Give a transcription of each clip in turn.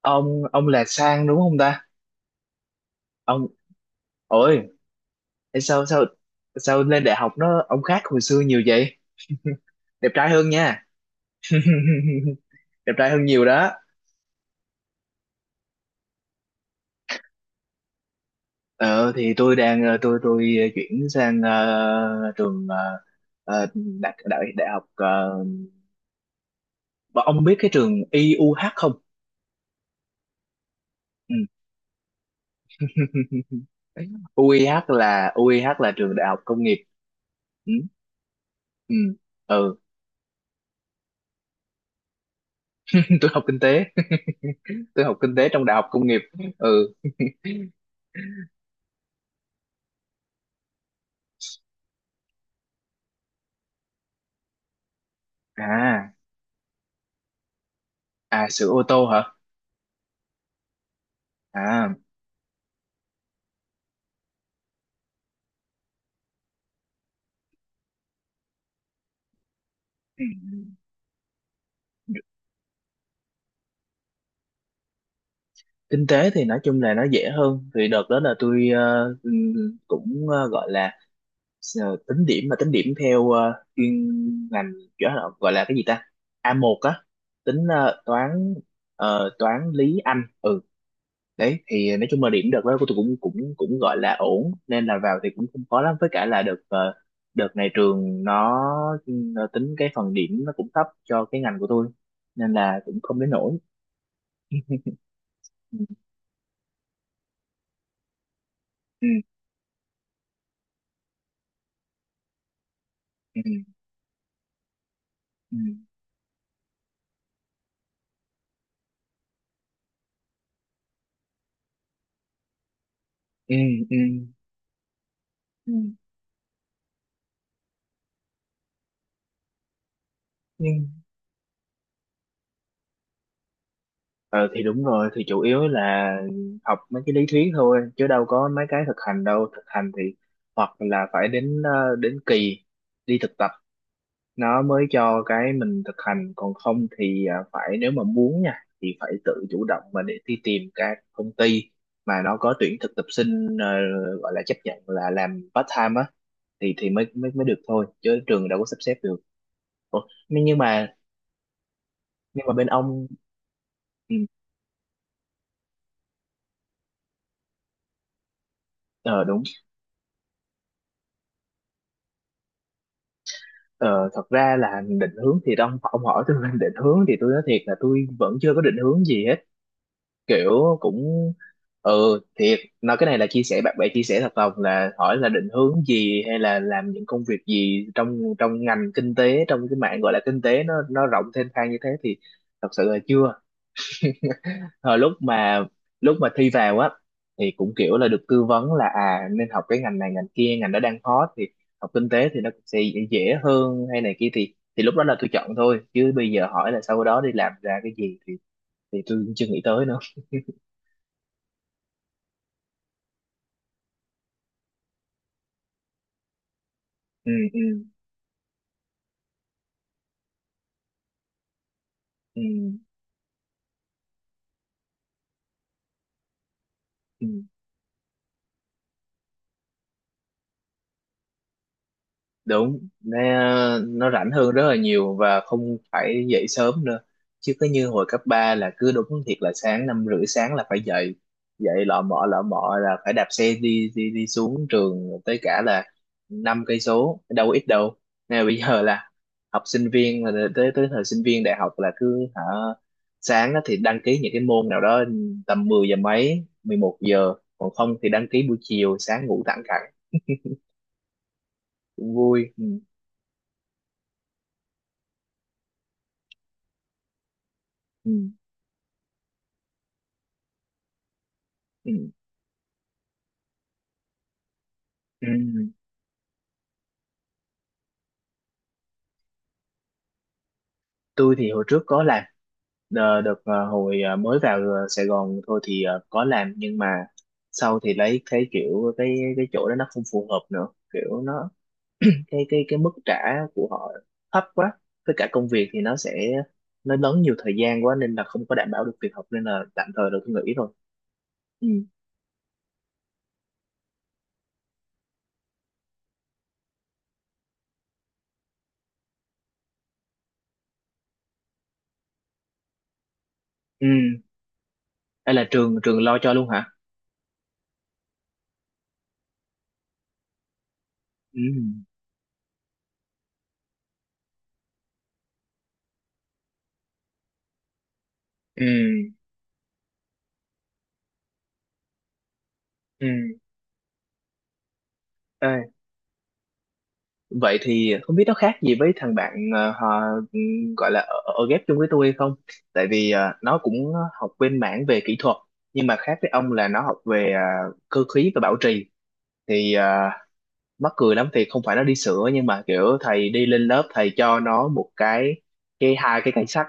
Ông là Sang đúng không ta? Ông. Ôi. Thế sao sao sao lên đại học nó ông khác hồi xưa nhiều vậy? Đẹp trai hơn nha. Đẹp trai hơn nhiều đó. Ờ thì tôi đang tôi chuyển sang trường ờ, đại đại đại học ông biết cái trường i u IUH không? Ừ. UIH là u i UIH là trường đại học công nghiệp. Ừ. Ừ. Ừ. Tôi học kinh tế. Tôi học kinh tế trong đại học công nghiệp. Ừ. À. À, sửa ô tô hả? À. Ừ. Kinh tế thì nói chung là nó dễ hơn. Thì đợt đó là tôi cũng gọi là tính điểm, mà tính điểm theo chuyên ngành, kiểu là gọi là cái gì ta, a một á, tính toán, toán lý Anh. Ừ. Đấy, thì nói chung là điểm đợt đó của tôi cũng cũng cũng gọi là ổn nên là vào thì cũng không khó lắm, với cả là đợt đợt này trường nó tính cái phần điểm nó cũng thấp cho cái ngành của tôi nên là cũng không đến nỗi. Ừ. Ừ. Ừ. Ừ. Ừ. Ừ. Ừ. Nhưng ờ, thì đúng rồi, thì chủ yếu là học mấy cái lý thuyết thôi chứ đâu có mấy cái thực hành đâu. Thực hành thì hoặc là phải đến đến kỳ đi thực nó mới cho cái mình thực hành, còn không thì à, phải nếu mà muốn nha thì phải tự chủ động mà để đi tìm các công ty mà nó có tuyển thực tập sinh, gọi là chấp nhận là làm part time á, thì mới mới mới được thôi chứ trường đâu có sắp xếp được. Ủa. Nhưng mà nhưng mà bên ông, ừ, ờ đúng. Ờ, Thật ra là định hướng thì ông hỏi tôi về định hướng thì tôi nói thiệt là tôi vẫn chưa có định hướng gì hết, kiểu cũng. Ừ, thiệt nói cái này là chia sẻ bạn bè chia sẻ thật lòng là hỏi là định hướng gì hay là làm những công việc gì trong trong ngành kinh tế, trong cái mạng gọi là kinh tế nó rộng thênh thang như thế thì thật sự là chưa. Hồi lúc mà thi vào á thì cũng kiểu là được tư vấn là à nên học cái ngành này ngành kia, ngành đó đang hot thì học kinh tế thì nó cũng sẽ dễ hơn hay này kia, thì lúc đó là tôi chọn thôi chứ bây giờ hỏi là sau đó đi làm ra cái gì thì tôi cũng chưa nghĩ tới nữa. Ừ. Ừ. Ừ. Ừ. Đúng, nó rảnh hơn rất là nhiều và không phải dậy sớm nữa, chứ cứ như hồi cấp 3 là cứ đúng thiệt là sáng năm rưỡi sáng là phải dậy, dậy lọ mọ là phải đạp xe đi đi đi xuống trường tới cả là năm cây số đâu có ít đâu. Nên là bây giờ là học sinh viên là tới tới thời sinh viên đại học là cứ hả, sáng á thì đăng ký những cái môn nào đó tầm 10 giờ mấy, 11 giờ, còn không thì đăng ký buổi chiều, sáng ngủ thẳng cẳng cũng vui. Ừ. Ừ. Ừ. Tôi thì hồi trước có làm. Đợt hồi mới vào Sài Gòn thôi thì có làm, nhưng mà sau thì lấy cái kiểu cái chỗ đó nó không phù hợp nữa, kiểu nó cái mức trả của họ thấp quá, với cả công việc thì nó sẽ lớn nhiều thời gian quá nên là không có đảm bảo được việc học nên là tạm thời là tôi nghỉ rồi. Ừ. Ừ, hay là trường trường lo cho luôn hả? Ừ. Ừ. Ừ. Ê, vậy thì không biết nó khác gì với thằng bạn họ gọi là ở, ở ghép chung với tôi hay không? Tại vì nó cũng học bên mảng về kỹ thuật, nhưng mà khác với ông là nó học về cơ khí và bảo trì thì mắc cười lắm, thì không phải nó đi sửa nhưng mà kiểu thầy đi lên lớp thầy cho nó một cái hai cái cây sắt,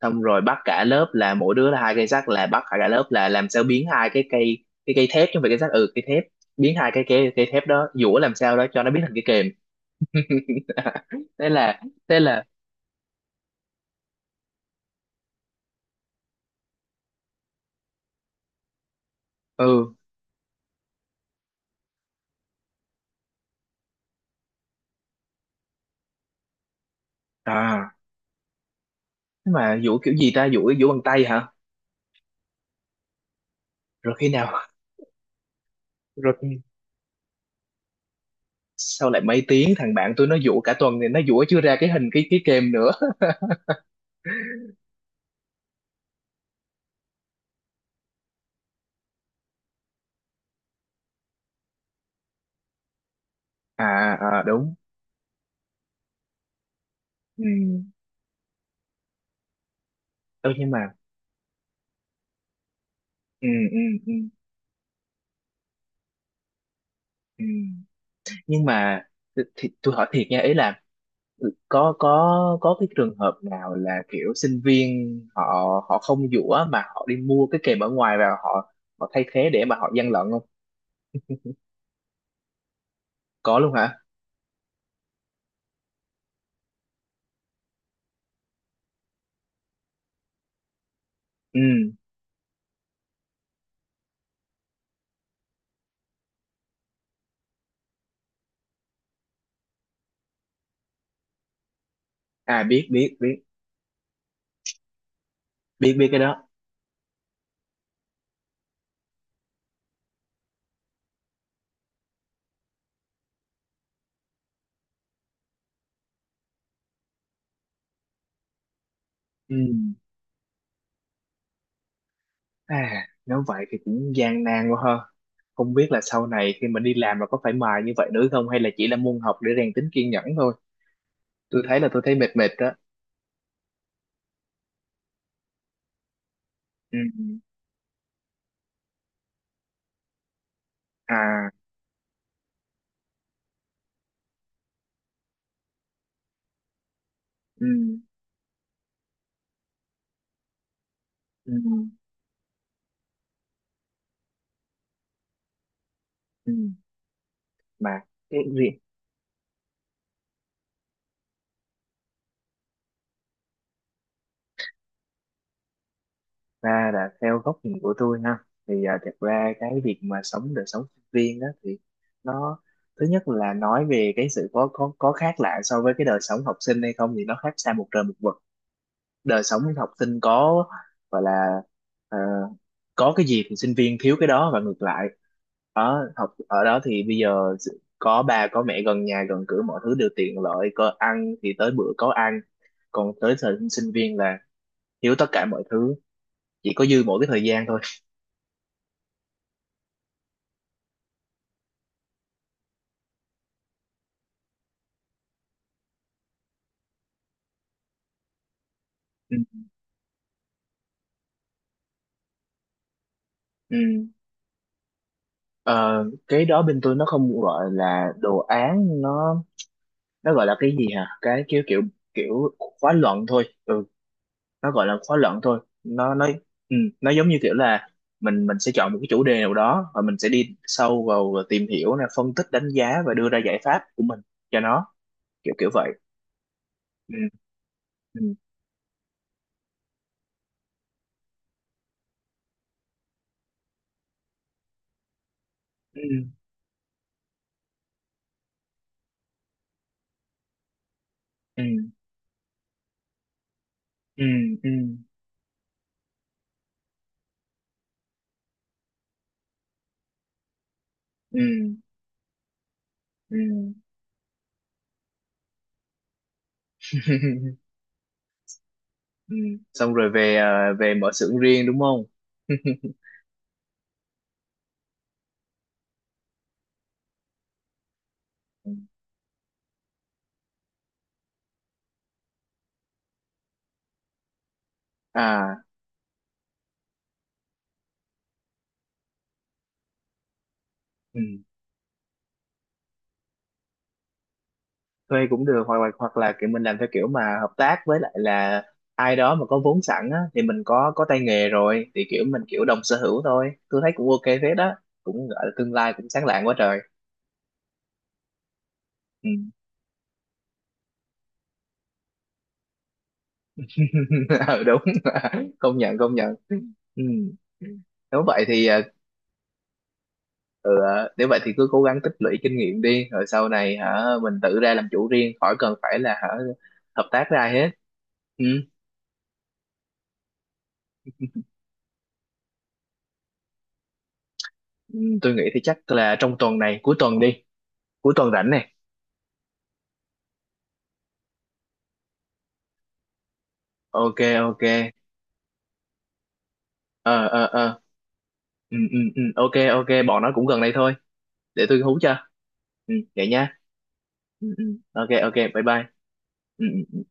xong rồi bắt cả lớp là mỗi đứa là hai cây sắt, là bắt cả lớp là làm sao biến hai cái cây, cái cây thép chứ không phải cây sắt, ừ cây thép, biến hai cái cây cây thép đó dũa làm sao đó cho nó biến thành cái kềm. Thế là, thế là ừ à, thế mà vũ kiểu gì ta, vũ vũ bằng tay hả? Rồi khi nào, rồi khi- sau lại mấy tiếng, thằng bạn tôi nó vũ cả tuần thì nó vũ chưa ra cái hình cái kem nữa. À, à đúng. Ừ. Ừ, nhưng mà ừ, ừ, ừ, ừ. Nhưng mà thì tôi hỏi thiệt nha, ý là có cái trường hợp nào là kiểu sinh viên họ họ không vũ mà họ đi mua cái kèm ở ngoài và họ họ thay thế để mà họ gian lận không? Có luôn hả? Ừ. À biết, biết biết cái đó. Ừ. À nếu vậy thì cũng gian nan quá ha, không biết là sau này khi mà đi làm là có phải mài như vậy nữa không hay là chỉ là môn học để rèn tính kiên nhẫn thôi. Tôi thấy là tôi thấy mệt mệt đó. Ừ. À ừ. Ừ. Ừ. Mà cái việc, ra là theo góc nhìn của tôi ha, thì à, thật ra cái việc mà sống đời sống sinh viên đó thì nó, thứ nhất là nói về cái sự có khác lạ so với cái đời sống học sinh hay không thì nó khác xa một trời một vực. Đời sống học sinh có, gọi là ờ, có cái gì thì sinh viên thiếu cái đó và ngược lại, ở học ở đó thì bây giờ sự- có ba có mẹ gần nhà gần cửa mọi thứ đều tiện lợi, có ăn thì tới bữa có ăn, còn tới thời sinh viên là thiếu tất cả mọi thứ, chỉ có dư mỗi cái thời gian thôi. Ừ. Ừ. Ờ, cái đó bên tôi nó không gọi là đồ án, nó gọi là cái gì hả, cái kiểu kiểu kiểu khóa luận thôi. Ừ, nó gọi là khóa luận thôi, nó ừ, nó giống như kiểu là mình sẽ chọn một cái chủ đề nào đó và mình sẽ đi sâu vào và tìm hiểu nè, phân tích đánh giá và đưa ra giải pháp của mình cho nó, kiểu kiểu vậy. Ừ. Ừ. Ừ. Ừ. Ừ. Ừ. Ừ. Ừ. Ừ. Xong rồi về à, về mở xưởng riêng đúng không? À ừ. Thuê cũng được, hoặc là kiểu mình làm theo kiểu mà hợp tác với lại là ai đó mà có vốn sẵn á, thì mình có tay nghề rồi thì kiểu mình kiểu đồng sở hữu thôi, tôi thấy cũng ok phết đó, cũng gọi là tương lai cũng sáng lạng quá trời. Ừ. Ừ đúng. Công nhận, công nhận. Ừ. Nếu vậy thì ừ, nếu vậy thì cứ cố gắng tích lũy kinh nghiệm đi rồi sau này hả mình tự ra làm chủ riêng, khỏi cần phải là hả hợp tác với ai hết. Ừ. Ừ, tôi nghĩ thì chắc là trong tuần này, cuối tuần đi, cuối tuần rảnh này. Ok. Ok. Ờ ờ ờ. Ừ ừ ừ. Ok. Ok, bọn nó cũng gần đây thôi, để tôi hú cho. Ừ vậy nha. Ừ ừ. Ok ok, bye bye. Ừ ừ.